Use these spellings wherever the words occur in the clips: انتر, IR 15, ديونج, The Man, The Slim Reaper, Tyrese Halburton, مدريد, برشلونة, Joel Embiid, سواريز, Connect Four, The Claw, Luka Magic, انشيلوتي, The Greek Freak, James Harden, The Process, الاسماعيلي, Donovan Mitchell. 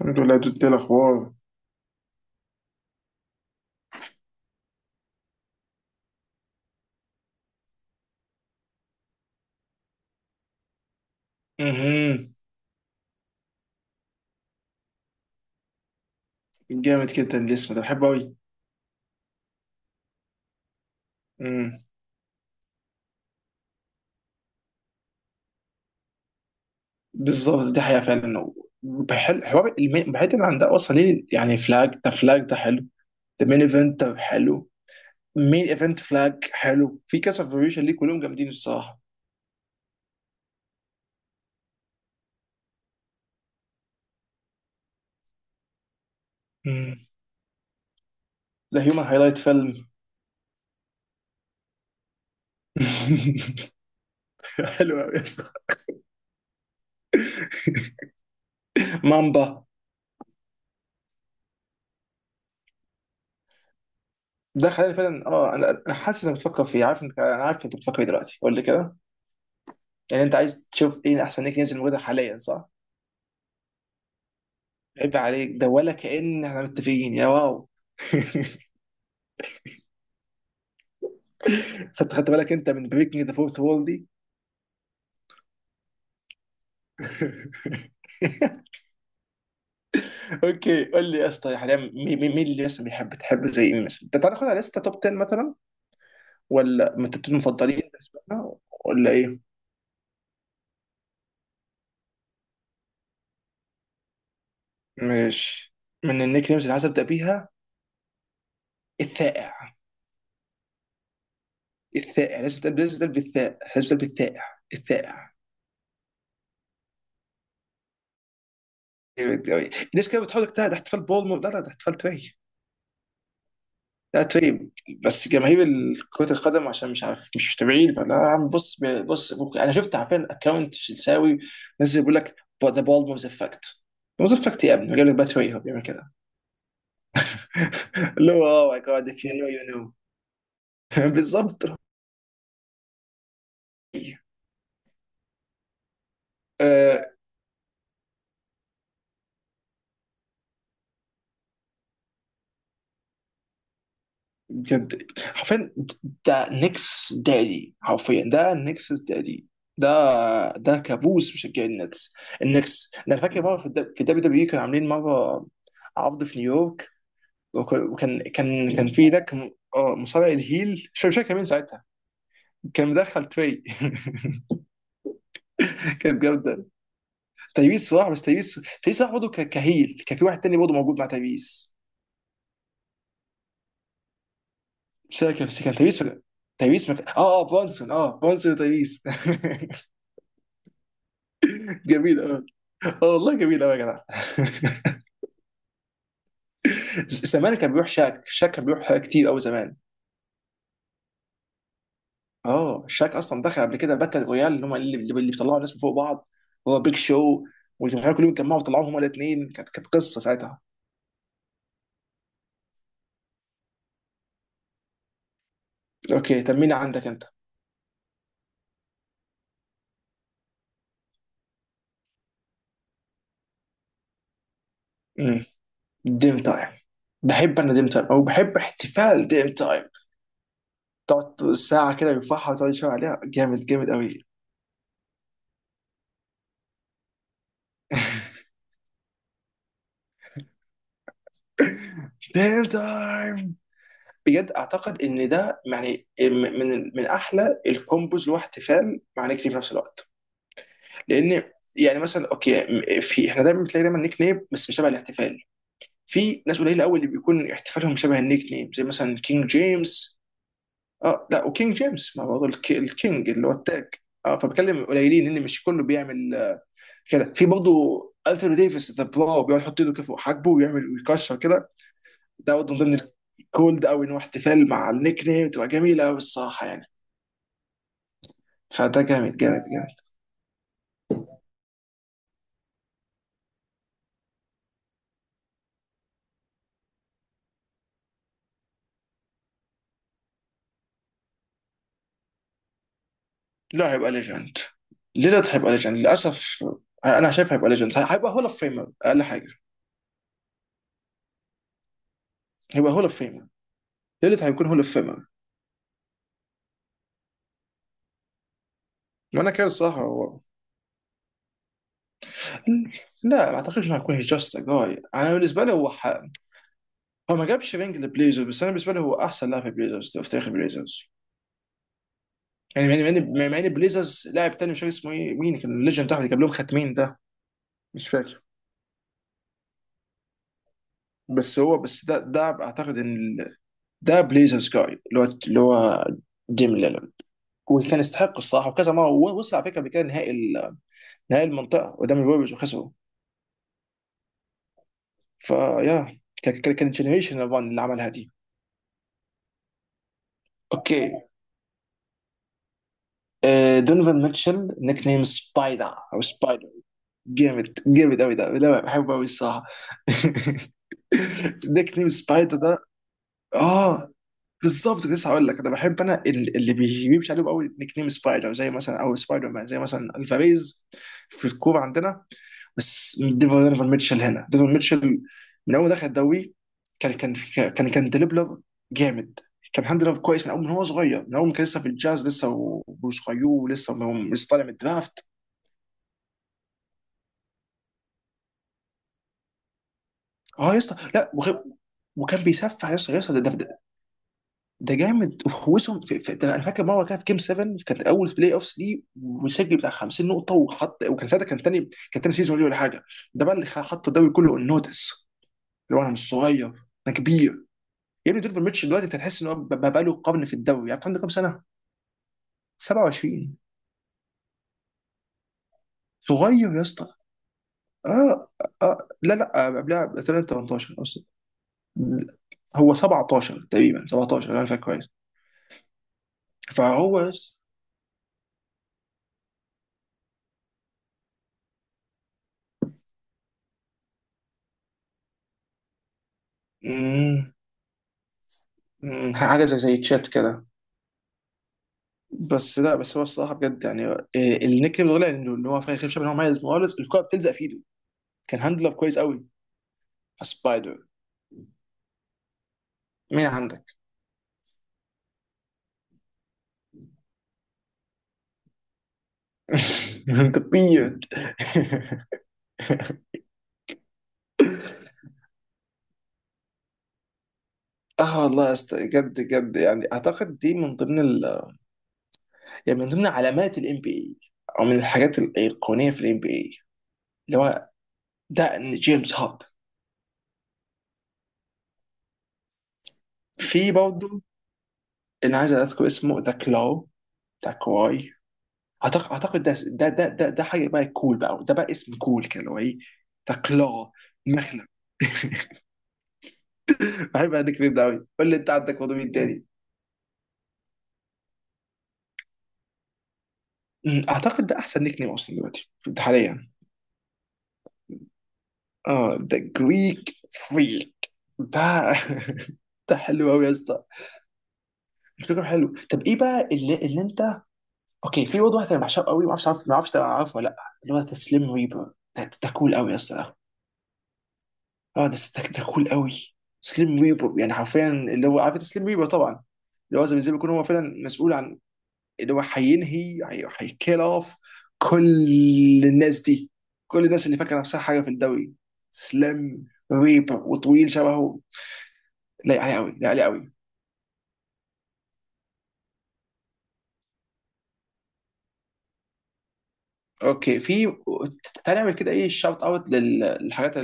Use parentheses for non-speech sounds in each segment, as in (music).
الحمد لله دود. إيه الاخبار؟ امم جامد جدا. الاسم ده بحبه قوي. امم بالظبط، دي حقيقه فعلا. بحل حوار المين، بعيدا عن ده اصلا ليه يعني؟ فلاج ده، فلاج ده حلو، ده مين ايفنت، ده حلو. مين ايفنت فلاج حلو في كذا فيريشن، ليه كلهم جامدين الصراحه. امم ده هيومن هايلايت فيلم. (laughs) حلو قوي يا اسطى. مامبا. ده خلاني فعلا. اه، انا حاسس انك بتفكر فيه. عارف انك، انا عارف انت بتفكر فيه دلوقتي. قول لي كده. يعني انت عايز تشوف ايه احسن نيك نيمز الموجوده حاليا، صح؟ عيب عليك، ده ولا كأن احنا متفقين يا واو. (laughs) خدت بالك انت من بريكنج ذا فورث وول دي؟ (laughs) اوكي، قول لي يا اسطى، حاليا مين اللي لسه بيحب تحب؟ زي مين مثلا؟ انت تعالى ناخدها لسته توب 10 مثلا، ولا من التوب المفضلين بالنسبه لنا، ولا ايه؟ ماشي. من النيك نيمز اللي عايز ابدا بيها، الثائع. الثائع لازم تبدا، لازم تبدا بالثاء، لازم تبدا بالثائع. الثائع جامد أوي. الناس كده بتحاول تجتهد احتفال بولمور. لا لا، ده احتفال تري. لا تريب. بس جماهير كرة القدم، عشان مش عارف، مش متابعين. فلا يا عم، بص بص، ممكن انا شفت، عارفين اكونت شلساوي نزل بيقول لك ذا بول موز افكت. موز افكت يا ابني، جاب لك بقى تري هو بيعمل كده. (laughs) اللي هو، اوه ماي جاد، اف يو نو يو نو. (laughs) بالظبط. آه، بجد حرفيا، ده نيكس دادي حرفيا، ده نيكس دادي. ده، ده كابوس مشجعين النتس. النكس ده، انا فاكر مره في الدبليو دبليو كانوا عاملين مره عرض في نيويورك، وك- وكان كان كان في ده، كان اه مصارع الهيل، مش فاكر كان مين ساعتها، كان مدخل تري. (laughs) كانت جامده. تيبيس صراحه، بس تيبيس. تيبيس صراحه برضه كهيل، كان في واحد تاني برضه موجود مع تيبيس، مش فاكر، بس كان تيبيس ولا... تيبيس مك... اه اه برونسون، اه برونسون وتيبيس. (laughs) جميل، اه. اه والله، جميل قوي يا جدع. (laughs) زمان كان بيروح شاك. شاك كان بيروح كتير قوي زمان. اه، شاك اصلا دخل قبل كده باتل رويال، اللي هم اللي، اللي بيطلعوا الناس من فوق بعض، هو بيج شو، والجمهور كلهم اتجمعوا وطلعوهم هما الاثنين. كانت، كانت قصه ساعتها. اوكي، تميني عندك انت. امم ديم تايم. بحب انا ديم تايم، او بحب احتفال ديم تايم. تقعد ساعه كده يرفعها وتقعد تشاور عليها. جامد، جامد قوي. (laughs) ديم تايم. بجد اعتقد ان ده يعني من احلى الكومبوز، اللي هو احتفال مع نيكتي في نفس الوقت. لان يعني مثلا، اوكي، في احنا دايما بتلاقي دايما نيك نيم بس مش شبه الاحتفال. في ناس قليله قوي اللي بيكون احتفالهم شبه النيك نيم، زي مثلا كينج جيمس. اه لا، وكينج جيمس ما برضه الكينج، اللي هو التاج. اه، فبتكلم قليلين ان مش كله بيعمل، كده. في برضه انثوني ديفيس ذا بلاو، بيقعد يحط ايده كده فوق حاجبه ويعمل ويكشر كده. ده برضه من ضمن الكولد قوي، ان هو احتفال مع النيك نيم تبقى جميله قوي الصراحه يعني. فده جامد، جامد، جامد. لا، هيبقى ليجند. ليلارد هيبقى ليجند للاسف. انا شايف هيبقى ليجند، هيبقى هول اوف فيمر اقل حاجه. هيبقى هول اوف فيمر. ليلارد هيكون هول اوف فيمر. ما انا كده الصراحه هو. لا، ما اعتقدش انه هيكون جاست ا جاي. انا بالنسبه لي هو ح... هو ما جابش رينج لبليزرز، بس انا بالنسبه لي هو احسن لاعب في بليزرز في تاريخ البليزرز. يعني، مع ان، مع ان بليزرز لاعب تاني، مش فاكر اسمه ايه، مين كان الليجند بتاعهم اللي جاب لهم خاتمين ده، مش فاكر. بس هو، بس ده، ده اعتقد ان ده بليزرز جاي، اللي هو، اللي هو ديم ليلارد. وكان يستحق الصراحه، وكذا مره وصل على فكره قبل كده نهائي نهائي المنطقه قدام الوريوز وخسروا. فيا كانت جنريشن ران اللي عملها دي. اوكي، آه، دونيفان ميتشل نيك نيم سبايدر او سبايدر. جامد، جامد قوي ده، لا بحبه قوي الصراحه. (laughs) نيك نيم سبايدر ده، اه، بالظبط. كنت لسه هقول لك. انا بحب انا اللي بيمشي عليهم قوي نيك نيم سبايدر، زي مثلا او سبايدر مان، زي مثلا الفاريز في الكوره عندنا. بس ديفون، ديفون ميتشل هنا، ديفون ميتشل من اول دخل الدوري، كان كان كان ديليبلر جامد. كان الحمد لله كويس من اول من هو صغير، من اول ما كان لسه في الجاز لسه، وصغير ولسه، ما هو لسه طالع من الدرافت. اه يا اسطى، لا وغير، وكان بيسفح يا اسطى، يا اسطى ده، ده، ده، ده جامد. وفوزهم في، في ده، انا فاكر مره كان في جيم 7، كانت اول بلاي اوفس ليه، وسجل بتاع 50 نقطه، وحط، وكان ساعتها كان تاني، كان تاني سيزون ليه ولا حاجه. ده بقى اللي حط الدوري كله النوتس، اللي هو انا مش صغير، انا كبير. يا ابني دونيفر ميتشل دلوقتي انت هتحس ان هو بقى له قرن في الدوري. عارف عنده كام سنه؟ 27. صغير يا اسطى. اه، اه، لا لا، آه، قبلها تقريباً 18 اصلا، هو 17 تقريبا، 17 لو انا فاكر كويس. فهو يس... مم، حاجه زي زي تشات كده. بس لا، بس هو الصراحه بجد يعني، النيك نيم الغلا انه، إن هو فاهم خير، شايف ان هو مميز خالص، الكوره بتلزق في ايده. كان هاندلر كويس قوي. سبايدر. مين عندك؟ (laughs) انت بيرد. اه والله يا اسطى، جد جد يعني، اعتقد دي من ضمن ال... يعني من ضمن علامات الام بي اي، او من الحاجات الايقونيه في الام بي اي، اللي هو ده، إن جيمس هاردن. في برضه اللي عايز اذكر اسمه، ذا كلاو، ذا كواي. اعتقد ده, حاجه بقى كول بقى، ده بقى اسم كول كده، اللي هو ايه؟ ذا كلاو، مخلب. بحب النيك نيم ده قوي. قول لي انت عندك برضه مين تاني. اعتقد ده احسن نيك نيم اصلا دلوقتي، حاليا. اه، ذا جريك فريك ده. (laughs) ده حلو قوي يا اسطى. الفكره حلو. طب ايه بقى اللي، اللي انت. اوكي، في برضه واحد انا بحشره قوي، ما اعرفش عارف، ما اعرفش عارفه ولا لا، اللي هو ذا سليم ريبر ده، ده كول قوي يا اسطى ده. اه ده، ده كول قوي. سليم ريبر، يعني حرفيا، اللي هو عارف سليم ريبر طبعا، اللي هو زي، زي ما يكون هو فعلا مسؤول عن، اللي هو هينهي، هيكيل اوف كل الناس دي، كل الناس اللي فاكره نفسها حاجه في الدوري. سليم ريبر، وطويل شبهه، لايق عليه قوي، لايق عليه قوي. اوكي، في، تعالى نعمل كده ايه شاوت اوت للحاجات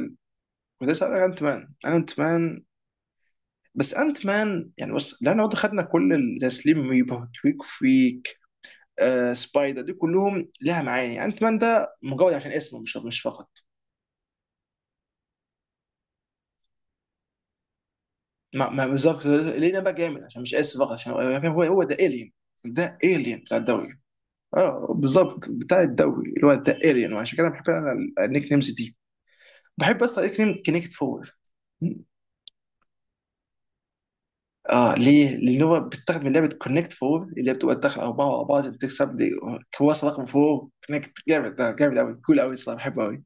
الكويسه. انا انت مان، انا انت مان. بس انت مان يعني، بص، لان برضه خدنا كل زي سليم ريبر، تويك فريك، آه سبايدر، دي كلهم لها معاني. انت مان ده مجرد عشان اسمه، مش مش فقط. ما، ما بالظبط، لينا بقى جامد عشان مش اسم فقط، عشان هو، هو ده الين، ده الين بتاع الدوري. اه بالظبط، بتاع الدوري، اللي هو ده الين. وعشان كده بحب انا النيك نيمز دي. بحب اصلا النيك نيم كونكت فور. اه ليه؟ لان هو بيتاخد من لعبه كونكت فور، اللي هي بتبقى تدخل اربعه ورا بعض عشان تكسب دي. كويس رقم فور كونكت، جامد، ده جامد قوي، كول قوي الصراحه، بحبه قوي.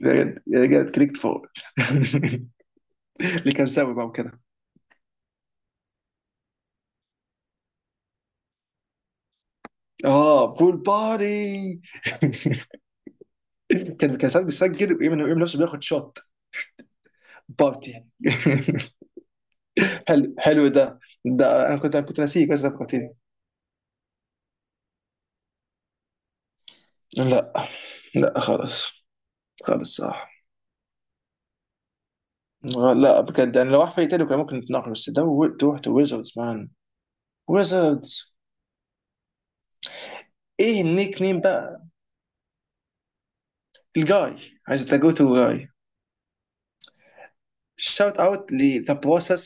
جامد، جامد كونكت فور. (laughs) اللي كان ساوي بقى وكده. اه، بول باري. (laughs) كان، كان ساعات بيسجل ويعمل، يعمل نفسه بياخد شوت. بارتي. (laughs) حلو، حلو ده. ده انا كنت، كنت ناسيه، بس ده فكرتني. لا، لا خالص، خالص صح. لا بجد يعني، لو واحد فريق تاني كان ممكن نتناقش، بس ده، و- تروح تو ويزردز مان، ويزردز. ايه النيك نيم بقى؟ الجاي. عايز تجو تو جاي. شوت اوت لذا بروسس.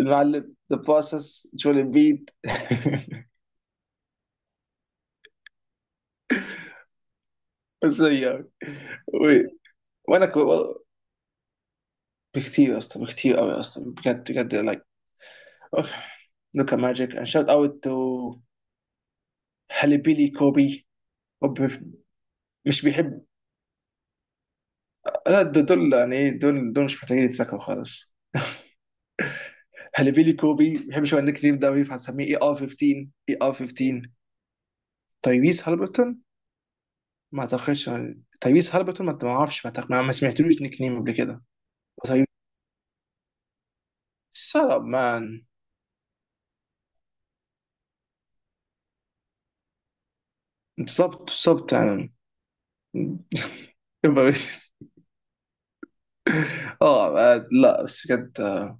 المعلم ذا بروسس، جول امبيد. (laughs) ازيك. و- وانا كو... بكتير يا اسطى، بكتير قوي يا اسطى، بجد، بجد لايك. لوكا ماجيك اند شوت اوت تو هاليبيلي كوبي. وب- مش بيحب. لا، دول دول يعني ايه، دول دول مش محتاجين يتذكروا خالص. هاليبيلي كوبي ما بيحبش هو النيك نيم ده، فهنسميه اي ار 15، اي ار 15. تايريس هالبرتون؟ ما اعتقدش. تايريس هالبرتون، ما، ما اعرفش، ما أعتقد، ما سمعتلوش نيك نيم قبل كده. تايريس. شut up مان. بالظبط، بالظبط يعني يبقى... (laughs) اه، آه، لا بس بجد، آه،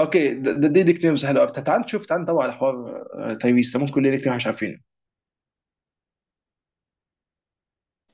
اوكي، دي نيك نيمز حلوه. طب تعال نشوف، تعال ندور على حوار. آه، تايريس ده ممكن ليه نيك نيم إحنا مش عارفينه.